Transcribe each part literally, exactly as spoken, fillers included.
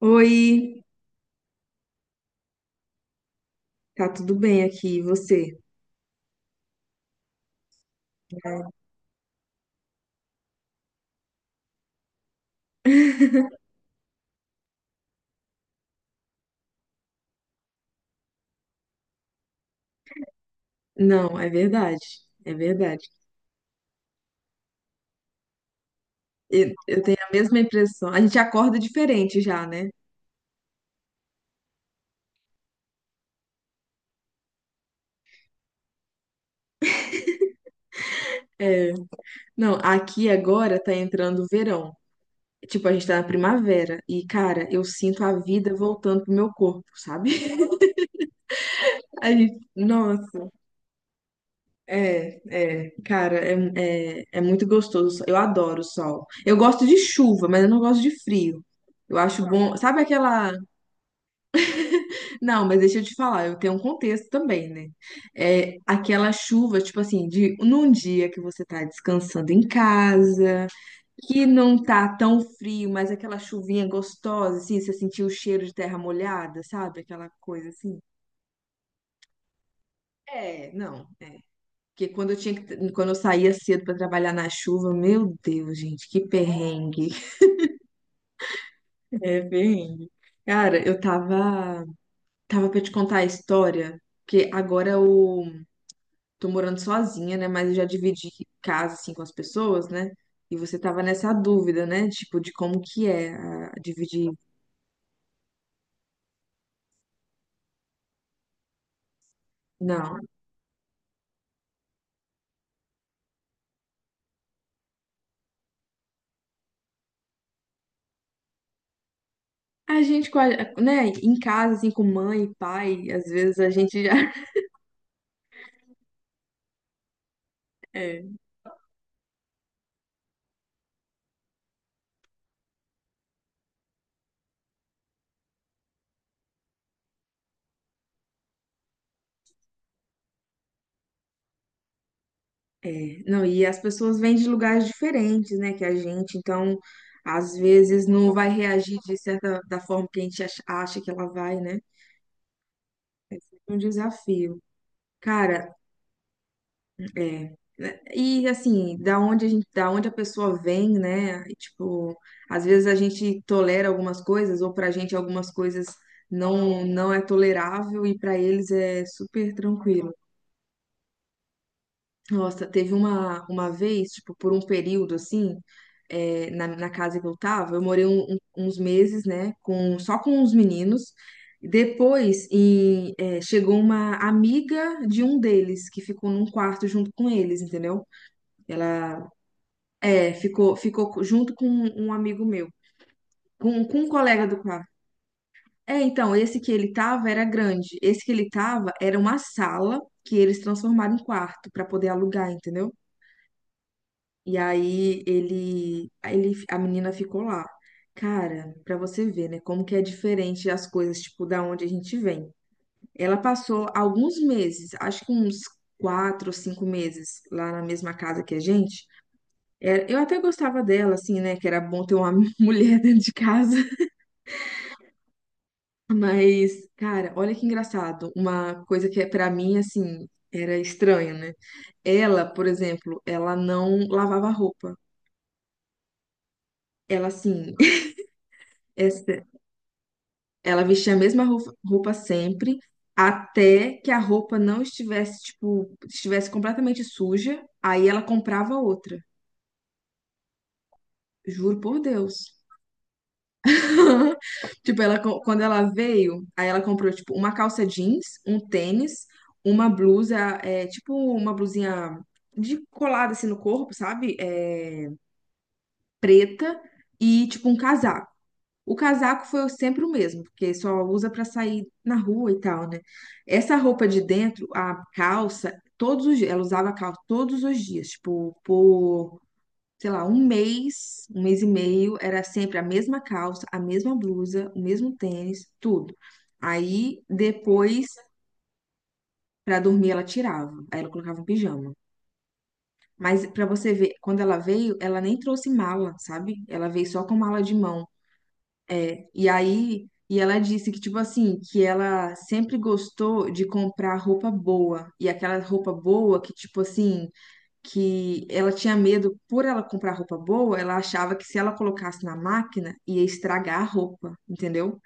Oi, tá tudo bem aqui, e você? Não, é verdade, é verdade. Eu, eu tenho a mesma impressão. A gente acorda diferente já, né? É. Não, aqui agora tá entrando o verão. Tipo, a gente tá na primavera e, cara, eu sinto a vida voltando pro meu corpo, sabe? A gente, nossa, é, é, cara, é, é, é muito gostoso. Eu adoro o sol. Eu gosto de chuva, mas eu não gosto de frio. Eu acho bom. Sabe aquela Não, mas deixa eu te falar, eu tenho um contexto também, né? É aquela chuva, tipo assim, de num dia que você tá descansando em casa, que não tá tão frio, mas aquela chuvinha gostosa, assim, você sentiu o cheiro de terra molhada, sabe? Aquela coisa assim. É, não, é. Porque quando eu tinha que, quando eu saía cedo pra trabalhar na chuva, meu Deus, gente, que perrengue. É, perrengue. Cara, eu tava, tava para te contar a história, porque agora o tô morando sozinha, né? Mas eu já dividi casa, assim, com as pessoas, né? E você tava nessa dúvida, né? Tipo, de como que é a- dividir. Não. A gente, com a- Né? Em casa, assim, com mãe e pai, às vezes a gente já. É. É. Não, e as pessoas vêm de lugares diferentes, né? Que a gente, então, às vezes não vai reagir de certa da forma que a gente acha acha que ela vai, né? É. Um desafio. Cara, é, né? E assim, da onde a gente, da onde a pessoa vem, né? E, tipo, às vezes a gente tolera algumas coisas, ou pra gente algumas coisas não não é tolerável e pra eles é super tranquilo. Nossa, teve uma uma vez, tipo, por um período assim, é, na, na casa que eu tava, eu morei um- um- uns meses, né, com só com os meninos. Depois, e, é, chegou uma amiga de um deles que ficou num quarto junto com eles, entendeu? Ela É, ficou, ficou co- junto com um amigo meu, com, com um colega do quarto. É, então, esse que ele tava era grande. Esse que ele tava era uma sala que eles transformaram em quarto para poder alugar, entendeu? E aí ele, aí ele, a menina ficou lá. Cara, para você ver, né, como que é diferente as coisas, tipo, da onde a gente vem. Ela passou alguns meses, acho que uns quatro ou cinco meses lá na mesma casa que a gente. É, eu até gostava dela, assim, né? Que era bom ter uma mulher dentro de casa. Mas, cara, olha que engraçado. Uma coisa que, é pra mim, assim, era estranha, né? Ela, por exemplo, ela não lavava roupa. Ela, assim, essa- ela vestia a mesma roupa, roupa sempre, até que a roupa não estivesse, tipo, estivesse completamente suja. Aí ela comprava outra. Juro por Deus. Tipo, ela, co- quando ela veio, aí ela comprou, tipo, uma calça jeans, um tênis, uma blusa, é, tipo, uma blusinha de colada, assim, no corpo, sabe? É, preta e, tipo, um casaco. O casaco foi sempre o mesmo, porque só usa pra sair na rua e tal, né? Essa roupa de dentro, a calça, todos os dias, ela usava a calça todos os dias, tipo, por sei lá, um mês, um mês e meio, era sempre a mesma calça, a mesma blusa, o mesmo tênis, tudo. Aí depois, pra dormir, ela tirava, aí ela colocava um pijama. Mas pra você ver, quando ela veio, ela nem trouxe mala, sabe? Ela veio só com mala de mão. E aí, e ela disse que, tipo assim, que ela sempre gostou de comprar roupa boa. E aquela roupa boa que, tipo assim, que ela tinha medo, por ela comprar roupa boa, ela achava que se ela colocasse na máquina, ia estragar a roupa, entendeu?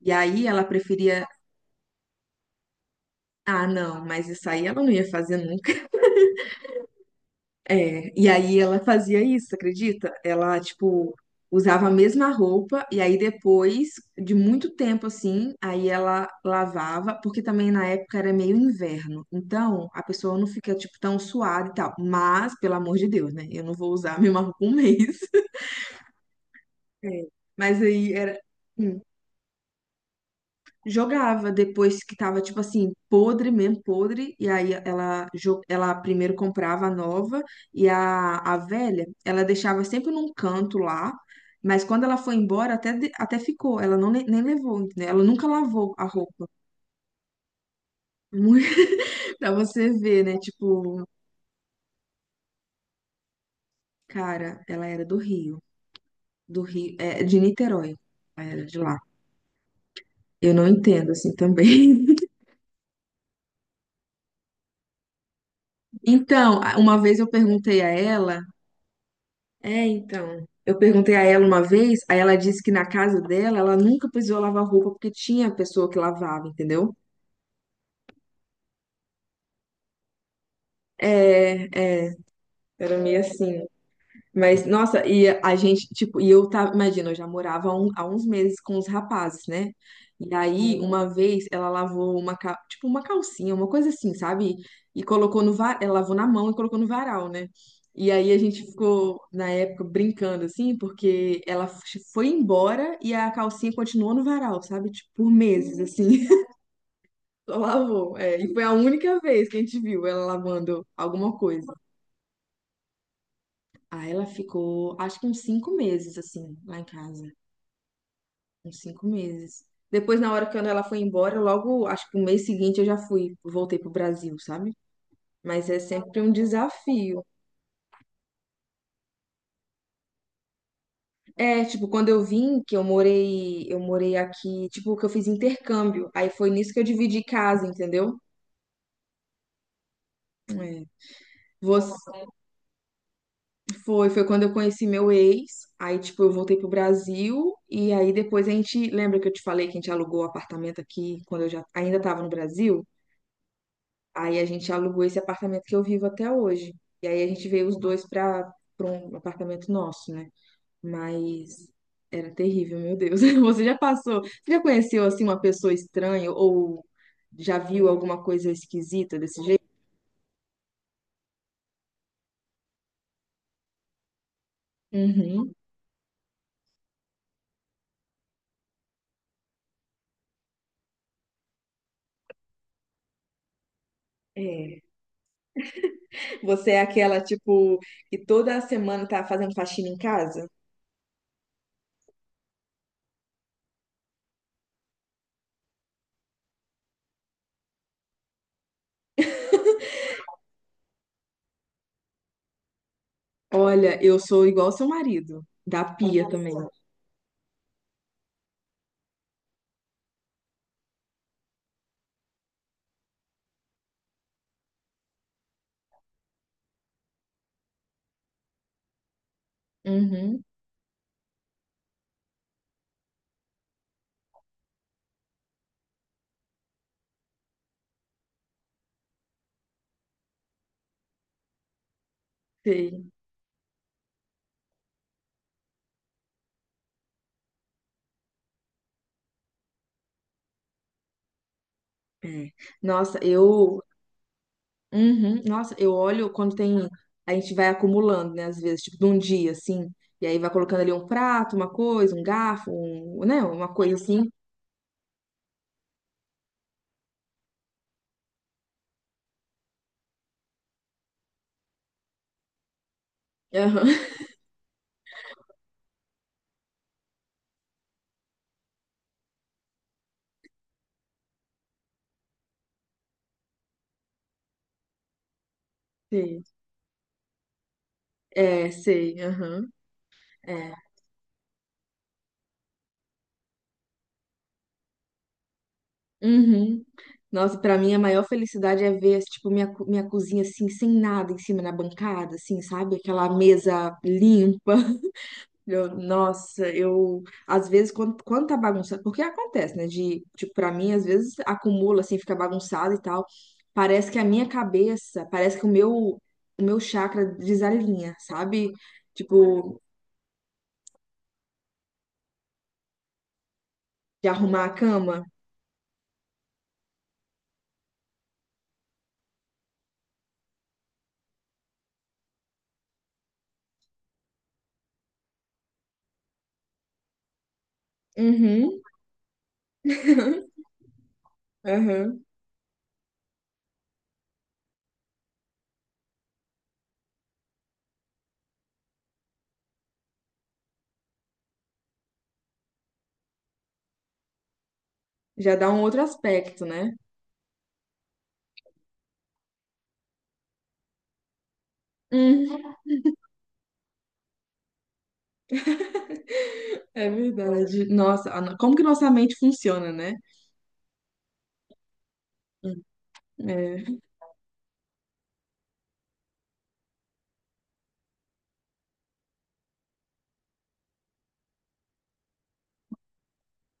E aí ela preferia, ah, não, mas isso aí ela não ia fazer nunca. É, e aí ela fazia isso, acredita? Ela, tipo, usava a mesma roupa e aí depois de muito tempo assim, aí ela lavava, porque também na época era meio inverno. Então, a pessoa não fica tipo tão suada e tal. Mas, pelo amor de Deus, né? Eu não vou usar a mesma roupa um mês. É, mas aí era. hum, Jogava depois que tava, tipo assim, podre mesmo, podre. E aí ela, jo- ela primeiro comprava a nova e a, a velha, ela deixava sempre num canto lá. Mas quando ela foi embora, até, de- até ficou. Ela não, le- nem levou, entendeu? Ela nunca lavou a roupa. Muito- Pra você ver, né? Tipo, cara, ela era do Rio. Do Rio, é, de Niterói. Ela era de lá. Eu não entendo, assim, também. Então, uma vez eu perguntei a ela. É, então. Eu perguntei a ela uma vez, aí ela disse que na casa dela ela nunca precisou lavar roupa porque tinha pessoa que lavava, entendeu? É, é, era meio assim. Mas, nossa, e a gente, tipo, e eu tava, imagina, eu já morava há, um- há uns meses com os rapazes, né? E aí, uhum. Uma vez, ela lavou uma, ca- tipo, uma calcinha, uma coisa assim, sabe? E colocou no varal, ela lavou na mão e colocou no varal, né? E aí a gente ficou, na época, brincando, assim, porque ela f- foi embora e a calcinha continuou no varal, sabe? Tipo, por meses, assim, só lavou. É, e foi a única vez que a gente viu ela lavando alguma coisa. Ah, ela ficou, acho que uns cinco meses, assim, lá em casa. Uns cinco meses. Depois, na hora que ela foi embora, logo, acho que no mês seguinte eu já fui, voltei pro Brasil, sabe? Mas é sempre um desafio. É, tipo, quando eu vim, que eu morei, eu morei aqui, tipo, que eu fiz intercâmbio. Aí foi nisso que eu dividi casa, entendeu? É. Você, foi, foi quando eu conheci meu ex. Aí, tipo, eu voltei pro Brasil. E aí depois a gente, lembra que eu te falei que a gente alugou o apartamento aqui quando eu já ainda tava no Brasil? Aí a gente alugou esse apartamento que eu vivo até hoje. E aí a gente veio os dois para para um apartamento nosso, né? Mas era terrível, meu Deus. Você já passou? Você já conheceu assim uma pessoa estranha ou já viu alguma coisa esquisita desse jeito? Uhum. É. Você é aquela, tipo, que toda semana tá fazendo faxina em casa? Olha, eu sou igual seu marido, da pia também. Uhum, sei. É. Nossa, eu uhum. Nossa, eu olho quando tem. A gente vai acumulando, né? Às vezes, tipo, de um dia, assim. E aí vai colocando ali um prato, uma coisa, um garfo, um, né? Uma coisa assim. Aham. Sei. É, sei. Aham. É. Uhum. Nossa, pra mim a maior felicidade é ver, tipo, minha, co- minha cozinha assim, sem nada em cima na bancada, assim, sabe? Aquela mesa limpa. Eu- nossa, eu às vezes quando, quando tá bagunçado, porque acontece, né? De, tipo, pra mim, às vezes acumula assim, fica bagunçado e tal. Parece que a minha cabeça, parece que o meu, o meu chakra desalinha, sabe? Tipo, de arrumar a cama. Uhum, aham. Já dá um outro aspecto, né? Uhum. É verdade. Nossa, a no- como que nossa mente funciona, né? É,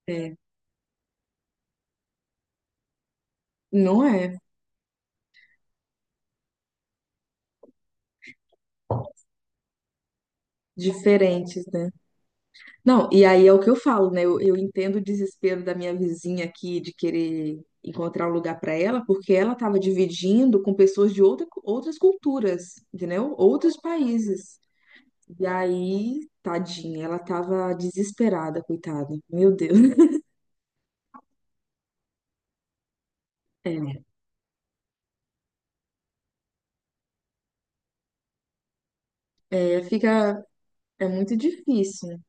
é. Não é? Diferentes, né? Não, e aí é o que eu falo, né? Eu, eu entendo o desespero da minha vizinha aqui de querer encontrar um lugar para ela, porque ela estava dividindo com pessoas de outra, outras culturas, entendeu? Outros países. E aí, tadinha, ela estava desesperada, coitada. Meu Deus. É, fica, é muito difícil.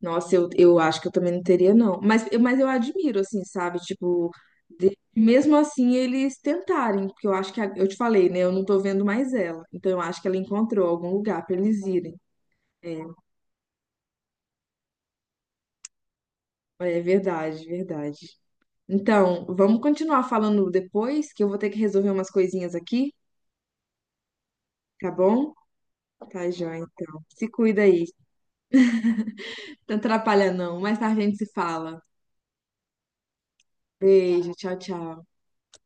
Nossa, eu, eu acho que eu também não teria, não. Mas, eu- mas eu admiro, assim, sabe? Tipo, de- mesmo assim eles tentarem, porque eu acho que, a- eu te falei, né? Eu não tô vendo mais ela. Então eu acho que ela encontrou algum lugar pra eles irem. É, é verdade, verdade. Então, vamos continuar falando depois, que eu vou ter que resolver umas coisinhas aqui, tá bom? Tá, joia, então. Se cuida aí. Não atrapalha, não. Mais tarde a gente se fala. Beijo, tchau, tchau.